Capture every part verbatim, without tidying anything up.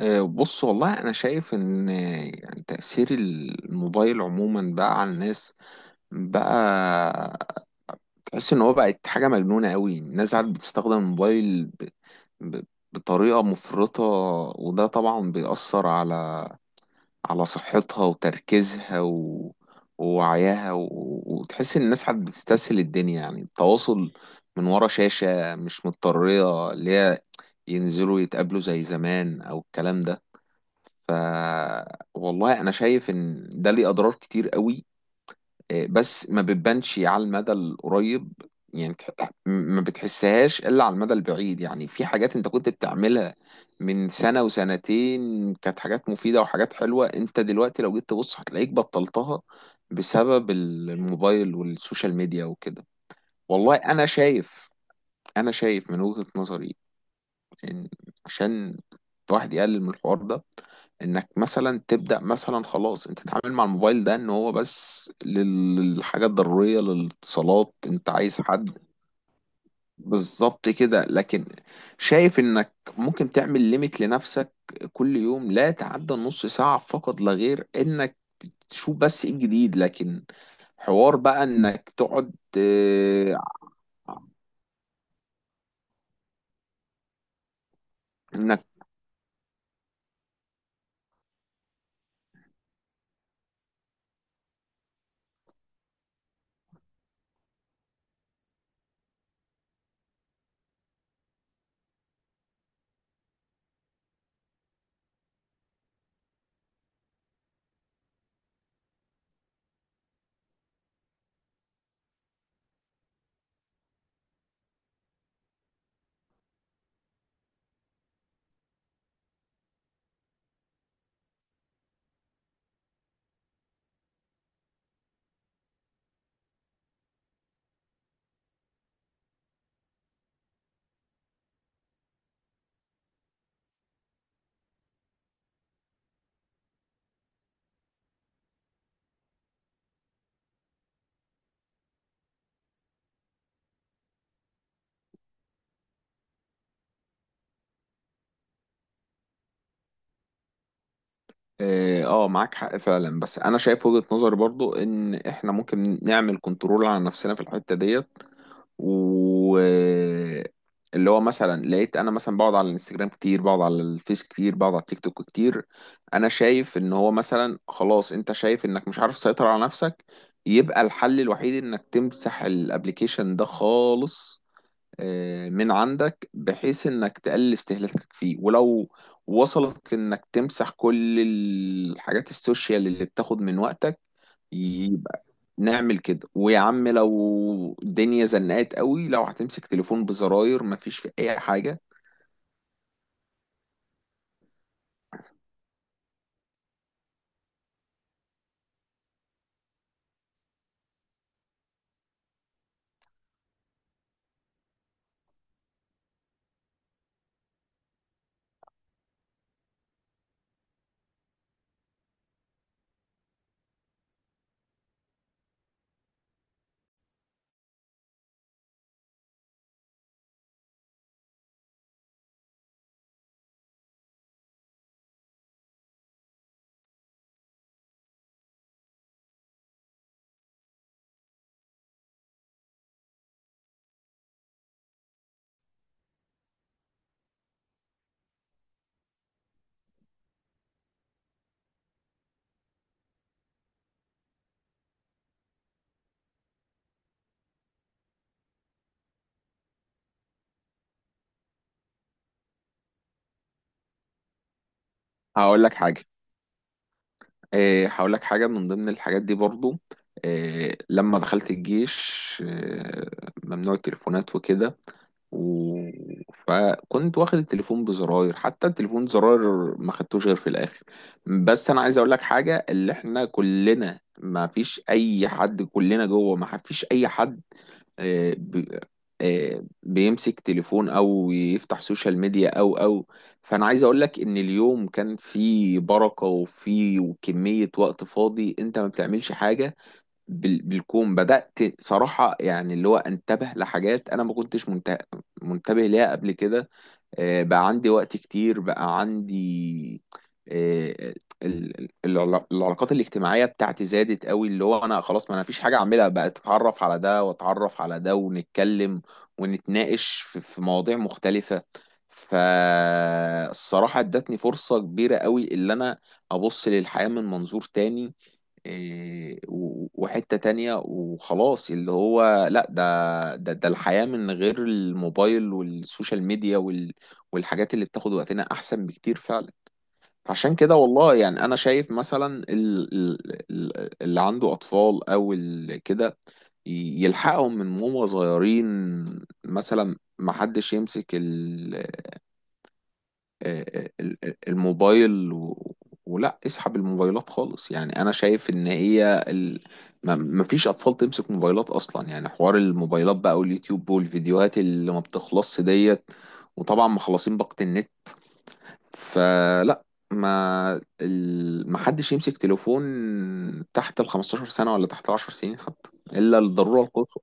آه، بص، والله انا شايف ان آه، يعني تأثير الموبايل عموما بقى على الناس. بقى تحس ان هو بقت حاجة مجنونة قوي. الناس عاد بتستخدم الموبايل ب... ب... بطريقة مفرطة. وده طبعا بيأثر على على صحتها وتركيزها و... ووعيها و... وتحس ان الناس عاد بتستسهل الدنيا، يعني التواصل من ورا شاشة، مش مضطرية اللي هي ينزلوا يتقابلوا زي زمان او الكلام ده. ف والله انا شايف ان ده ليه اضرار كتير قوي. آه، بس ما بتبانش على المدى القريب، يعني تح- م- ما بتحسهاش الا على المدى البعيد. يعني في حاجات انت كنت بتعملها من سنة وسنتين، كانت حاجات مفيدة وحاجات حلوة، انت دلوقتي لو جيت تبص هتلاقيك بطلتها بسبب الموبايل والسوشيال ميديا وكده. والله انا شايف، انا شايف من وجهة نظري إن- عشان الواحد يقلل من الحوار ده، انك مثلا تبدأ. مثلا خلاص انت تتعامل مع الموبايل ده ان هو بس لل- للحاجات الضرورية للاتصالات. انت عايز حد بالظبط كده، لكن شايف انك ممكن تعمل ليميت لنفسك كل يوم، لا تعدى نص ساعة فقط لا غير، انك تشوف بس ايه الجديد. لكن حوار بقى انك تقعد. آه، انك اه، آه، معاك حق فعلا، بس انا شايف وجهة نظري برضو ان احنا ممكن نعمل كنترول على نفسنا في الحتة ديت. و اللي هو مثلا لقيت انا مثلا بقعد على الانستجرام كتير، بقعد على الفيس كتير، بقعد على التيك توك كتير. انا شايف ان هو مثلا خلاص، انت شايف انك مش عارف تسيطر على نفسك، يبقى الحل الوحيد انك تمسح الابليكيشن ده خالص آه، من عندك، بحيث انك تقلل استهلاكك فيه. ولو وصلك انك تمسح كل الحاجات السوشيال اللي بتاخد من وقتك، يبقى نعمل كده. ويا عم لو الدنيا زنقت قوي، لو هتمسك تليفون بزراير، مفيش في اي حاجة. هقول لك حاجة آه، هقول لك حاجة من ضمن الحاجات دي برضو. آه، لما دخلت الجيش، آه، ممنوع التليفونات وكده. و... فكنت واخد التليفون بزراير، حتى التليفون زراير ما خدتوش غير في الاخر. بس انا عايز اقول لك حاجه، اللي احنا كلنا ما فيش اي حد، كلنا جوه ما فيش اي حد آه، ب... آه، بيمسك تليفون او يفتح سوشيال ميديا او او. فانا عايز اقول لك ان اليوم كان فيه بركه وفيه وكميه وقت فاضي انت ما بتعملش حاجه. بال- بالكون بدأت صراحة، يعني اللي هو انتبه لحاجات أنا ما كنتش منت- منتبه ليها قبل كده. آه، بقى عندي وقت كتير. بقى عندي آه، ال- ال- العلا- العلاقات الاجتماعية بتاعتي زادت قوي، اللي هو أنا خلاص ما أنا فيش حاجة أعملها، بقى أتعرف على ده وأتعرف على ده ونتكلم ونتناقش في في مواضيع مختلفة. فالصراحة ادتني فرصة كبيرة قوي اللي أنا أبص للحياة من منظور تاني. إيه، و- وحتة تانية وخلاص، اللي هو لا، ده ده ده الحياة من غير الموبايل والسوشيال ميديا وال والحاجات اللي بتاخد وقتنا أحسن بكتير فعلا. فعشان كده والله، يعني أنا شايف مثلا ال- ال- ال- اللي عنده أطفال أو ال- كده ي- يلحقهم من هما صغيرين. مثلا محدش يمسك آه، آه، ال- ال- الموبايل، و... ولا اسحب الموبايلات خالص. يعني انا شايف ان هي ال... ما ما فيش اطفال تمسك موبايلات اصلا، يعني حوار الموبايلات بقى واليوتيوب والفيديوهات اللي ما بتخلصش ديت، وطبعا مخلصين باقة النت. فلا، ما ال... ما حدش يمسك تليفون تحت ال خمسة عشر سنة ولا تحت ال عشر سنين حتى الا للضرورة القصوى.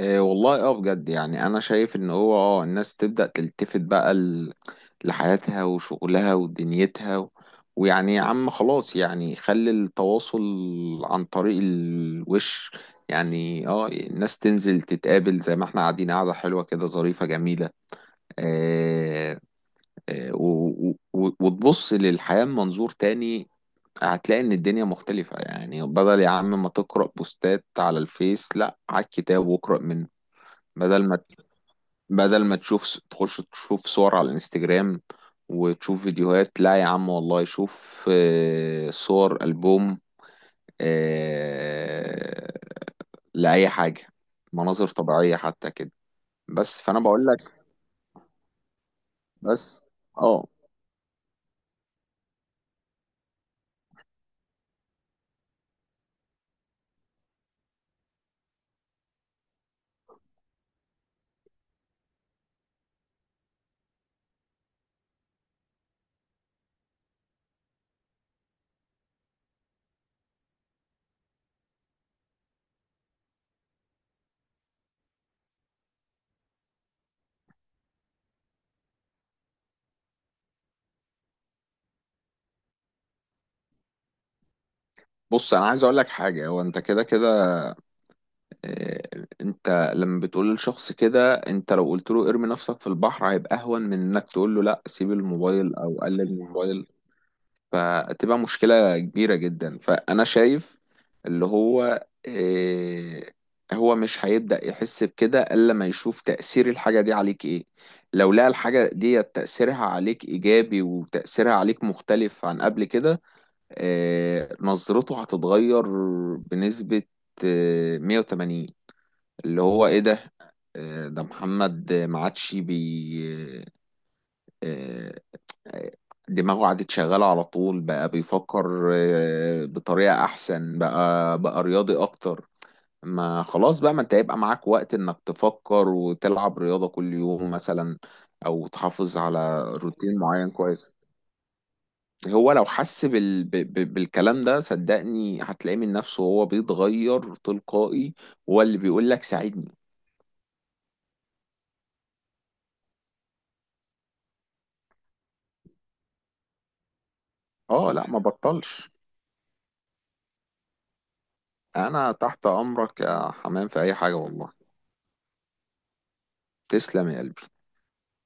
إيه والله، اه بجد، يعني انا شايف ان هو اه الناس تبدأ تلتفت بقى ل- لحياتها وشغلها ودنيتها. و... ويعني يا عم خلاص، يعني خلي التواصل عن طريق الوش. يعني اه الناس تنزل تتقابل زي ما احنا قاعدين، قاعدة حلوة كده ظريفة جميلة. آه آه و... و... وتبص للحياة من منظور تاني، هتلاقي ان الدنيا مختلفة. يعني بدل يا عم ما تقرأ بوستات على الفيس، لا على الكتاب واقرأ منه. بدل ما بدل ما تشوف تخش تشوف صور على الانستجرام وتشوف فيديوهات، لا يا عم والله شوف آه، صور ألبوم، آه، لأي حاجة، مناظر طبيعية حتى كده. بس فأنا بقول لك. بس اه بص، أنا عايز أقول لك حاجة. هو أنت كده كده، آه، أنت لما بتقول لشخص كده، أنت لو قلت له ارمي نفسك في البحر هيبقى أهون من إنك تقول له لا سيب الموبايل أو قلل من موبايل. فتبقى مشكلة كبيرة جدا. فأنا شايف، اللي هو إيه؟ هو مش هيبدأ يحس بكده إلا ما يشوف تأثير الحاجة دي عليك، إيه. لو لقى الحاجة دي تأثيرها عليك إيجابي وتأثيرها عليك مختلف عن قبل كده، إيه، نظرته هتتغير بنسبة إيه مية وتمانين. اللي هو إيه ده؟ إيه ده، محمد ما عادش بي. آه، آه، دماغه قعدت شغالة على طول، بقى بيفكر آه، بطريقة أحسن، بقى بقى رياضي أكتر. ما خلاص بقى، ما أنت هيبقى معاك وقت إنك تفكر وتلعب رياضة كل يوم مثلا، أو تحافظ على روتين معين كويس. هو لو حس بال... ب... ب... بالكلام ده، صدقني هتلاقيه من نفسه هو بيتغير تلقائي، هو اللي بيقول لك ساعدني. اه لا ما بطلش. انا تحت امرك يا حمام في اي حاجة والله. تسلم يا قلبي.